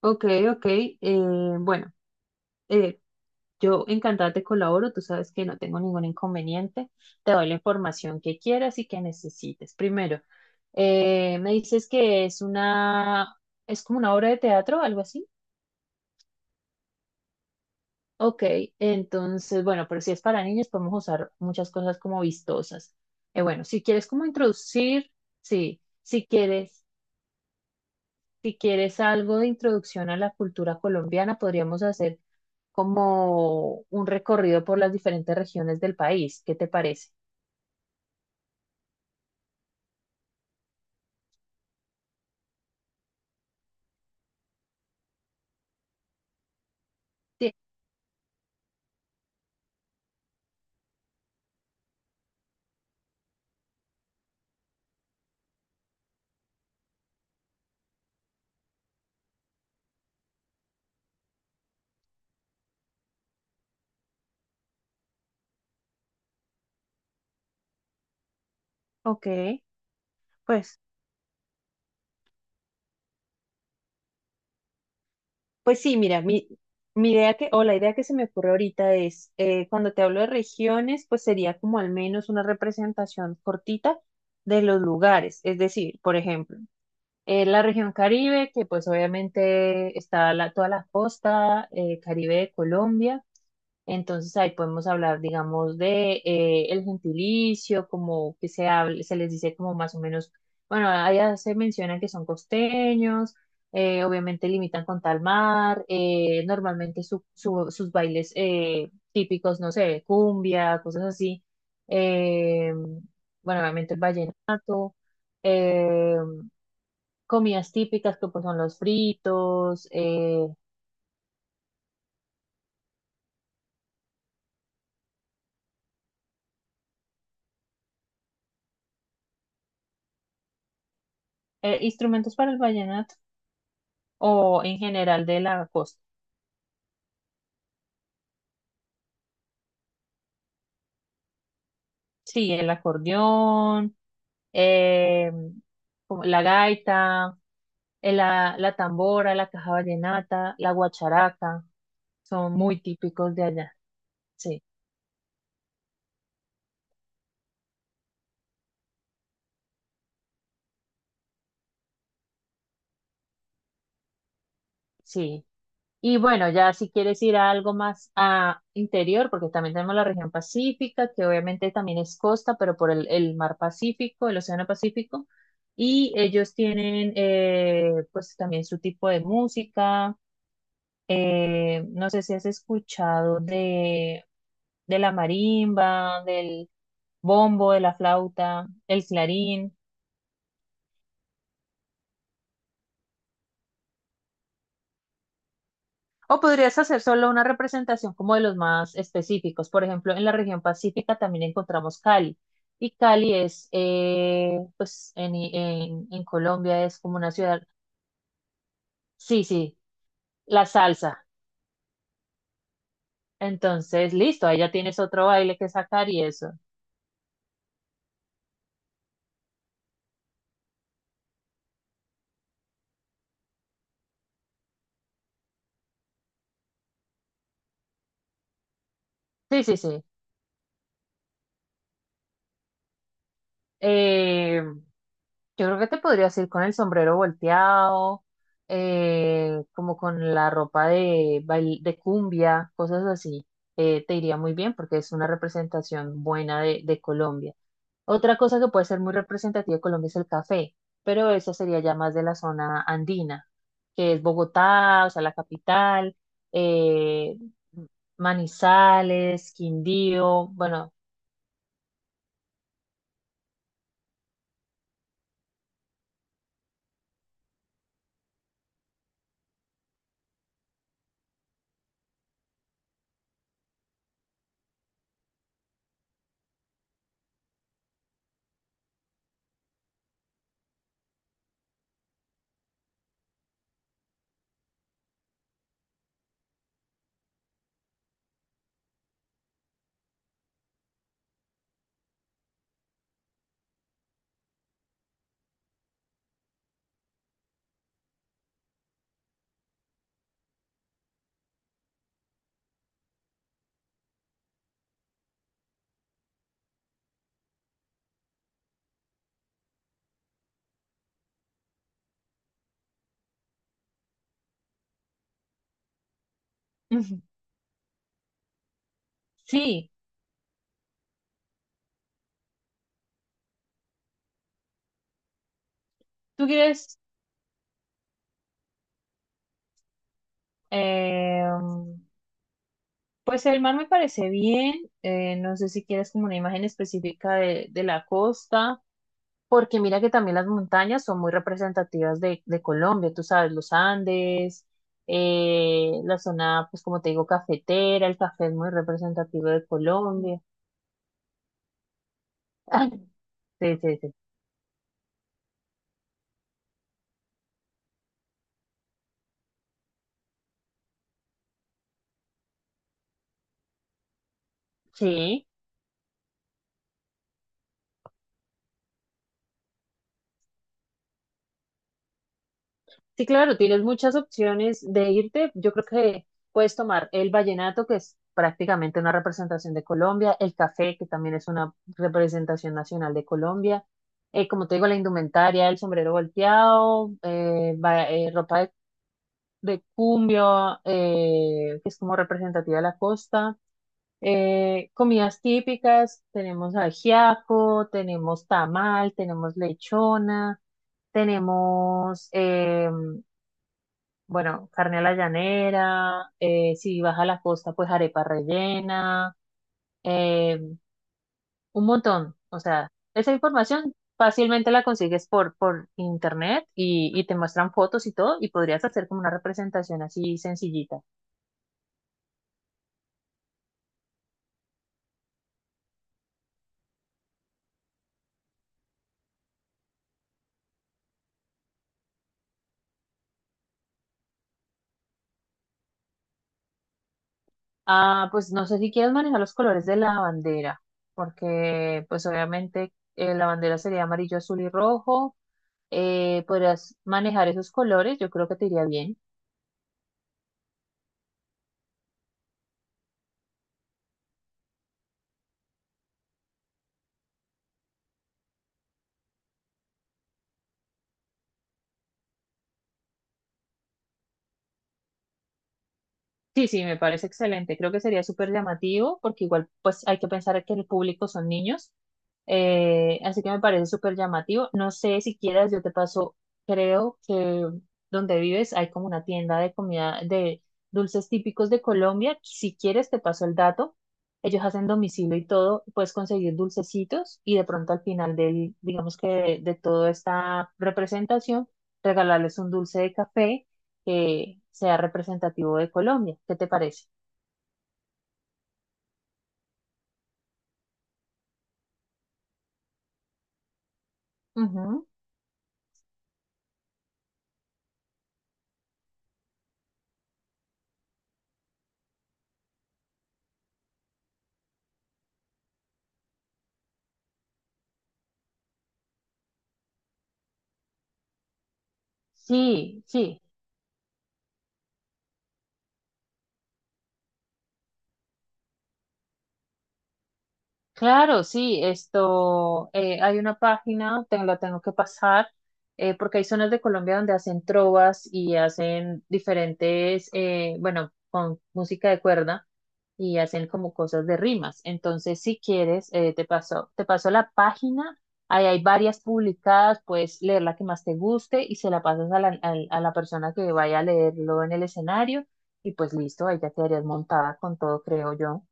Ok, ok. Bueno, eh, yo encantada te colaboro. Tú sabes que no tengo ningún inconveniente. Te doy la información que quieras y que necesites. Primero, me dices que es una, es como una obra de teatro, algo así. Ok, entonces, bueno, pero si es para niños, podemos usar muchas cosas como vistosas. Bueno, si quieres como introducir, sí, si quieres, si quieres algo de introducción a la cultura colombiana, podríamos hacer como un recorrido por las diferentes regiones del país. ¿Qué te parece? Sí, ok, pues, pues sí, mira, mi idea que, o la idea que se me ocurre ahorita es, cuando te hablo de regiones, pues sería como al menos una representación cortita de los lugares. Es decir, por ejemplo, la región Caribe, que pues obviamente está la- toda la costa, Caribe de Colombia. Entonces ahí podemos hablar, digamos, de el gentilicio, como que se hable- se les dice como más o menos, bueno, allá se menciona que son costeños, obviamente limitan con tal mar, normalmente sus bailes típicos, no sé, cumbia, cosas así, eh, bueno, obviamente el vallenato, eh, comidas típicas que pues son los fritos, instrumentos para el vallenato o en general de la costa. Sí, el acordeón, eh, como la gaita, la tambora, la caja vallenata, la guacharaca, son muy típicos de allá. Sí, sí. Y bueno, ya si quieres ir a algo más a interior, porque también tenemos la región pacífica, que obviamente también es costa, pero por el mar Pacífico, el océano Pacífico, y ellos tienen pues también su tipo de música. No sé si has escuchado de la marimba, del bombo, de la flauta, el clarín, o podrías hacer solo una representación como de los más específicos. Por ejemplo, en la región pacífica también encontramos Cali. Y Cali es, pues en Colombia es como una ciudad. Sí, sí, la salsa. Entonces, listo, ahí ya tienes otro baile que sacar y eso. Sí, sí, sí. Eh, Yo creo que te podrías ir con el sombrero volteado, como con la ropa de, bail- de cumbia, cosas así. Te iría muy bien porque es una representación buena de Colombia. Otra cosa que puede ser muy representativa de Colombia es el café, pero eso sería ya más de la zona andina, que es Bogotá, o sea, la capital, eh, Manizales, Quindío, bueno, sí, tú quieres... em, pues el mar me parece bien, no sé si quieres como una imagen específica de la costa, porque mira que también las montañas son muy representativas de Colombia, tú sabes, los Andes, la zona, pues como te digo, cafetera, el café es muy representativo de Colombia. Sí, sí, sí. Sí, sí, claro, tienes muchas opciones de irte. Yo creo que puedes tomar el vallenato, que es prácticamente una representación de Colombia, el café, que también es una representación nacional de Colombia, como te digo, la indumentaria, el sombrero volteado, ropa de cumbio, que es como representativa de la costa, comidas típicas, tenemos ajiaco, tenemos tamal, tenemos lechona, tenemos... bueno, carne a la llanera, si vas a la costa, pues arepa rellena, eh, un montón. O sea, esa información fácilmente la consigues por internet y te muestran fotos y todo, y podrías hacer como una representación así sencillita. Ah, pues no sé si quieres manejar los colores de la bandera, porque pues obviamente la bandera sería amarillo, azul y rojo. Podrías manejar esos colores, yo creo que te iría bien. Sí, sí, me parece excelente. Creo que sería súper llamativo porque igual pues hay que pensar que el público son niños. Así que me parece súper llamativo. No sé si quieras, yo te paso, creo que donde vives hay como una tienda de comida, de dulces típicos de Colombia. Si quieres, te paso el dato. Ellos hacen domicilio y todo, puedes conseguir dulcecitos y de pronto al final del, digamos que de toda esta representación, regalarles un dulce de café que sea representativo de Colombia. ¿Qué te parece? Ujú. Sí, sí, claro, sí. Esto, hay una página, te la tengo que pasar, porque hay zonas de Colombia donde hacen trovas y hacen diferentes, bueno, con música de cuerda. Y hacen como cosas de rimas. Entonces, si quieres, te paso la página, ahí hay varias publicadas, puedes leer la que más te guste y se la pasas a la, al- a la persona que vaya a leerlo en el escenario y pues listo, ahí ya quedarías montada con todo, creo yo.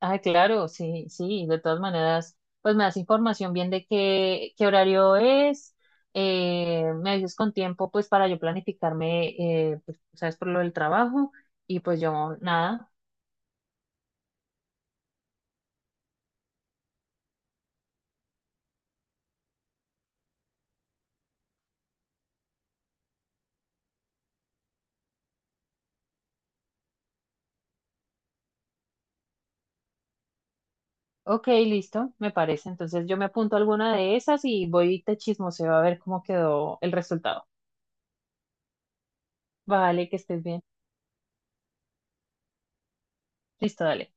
Ah, claro, sí, sí, de todas maneras, pues me das información bien de qué, qué horario es. Me avisas con tiempo pues para yo planificarme, pues, sabes, por lo del trabajo. Y pues yo nada. Ok, listo, me parece. Entonces yo me apunto a alguna de esas y voy y te chismoseo a ver cómo quedó el resultado. Vale, que estés bien. Listo, dale.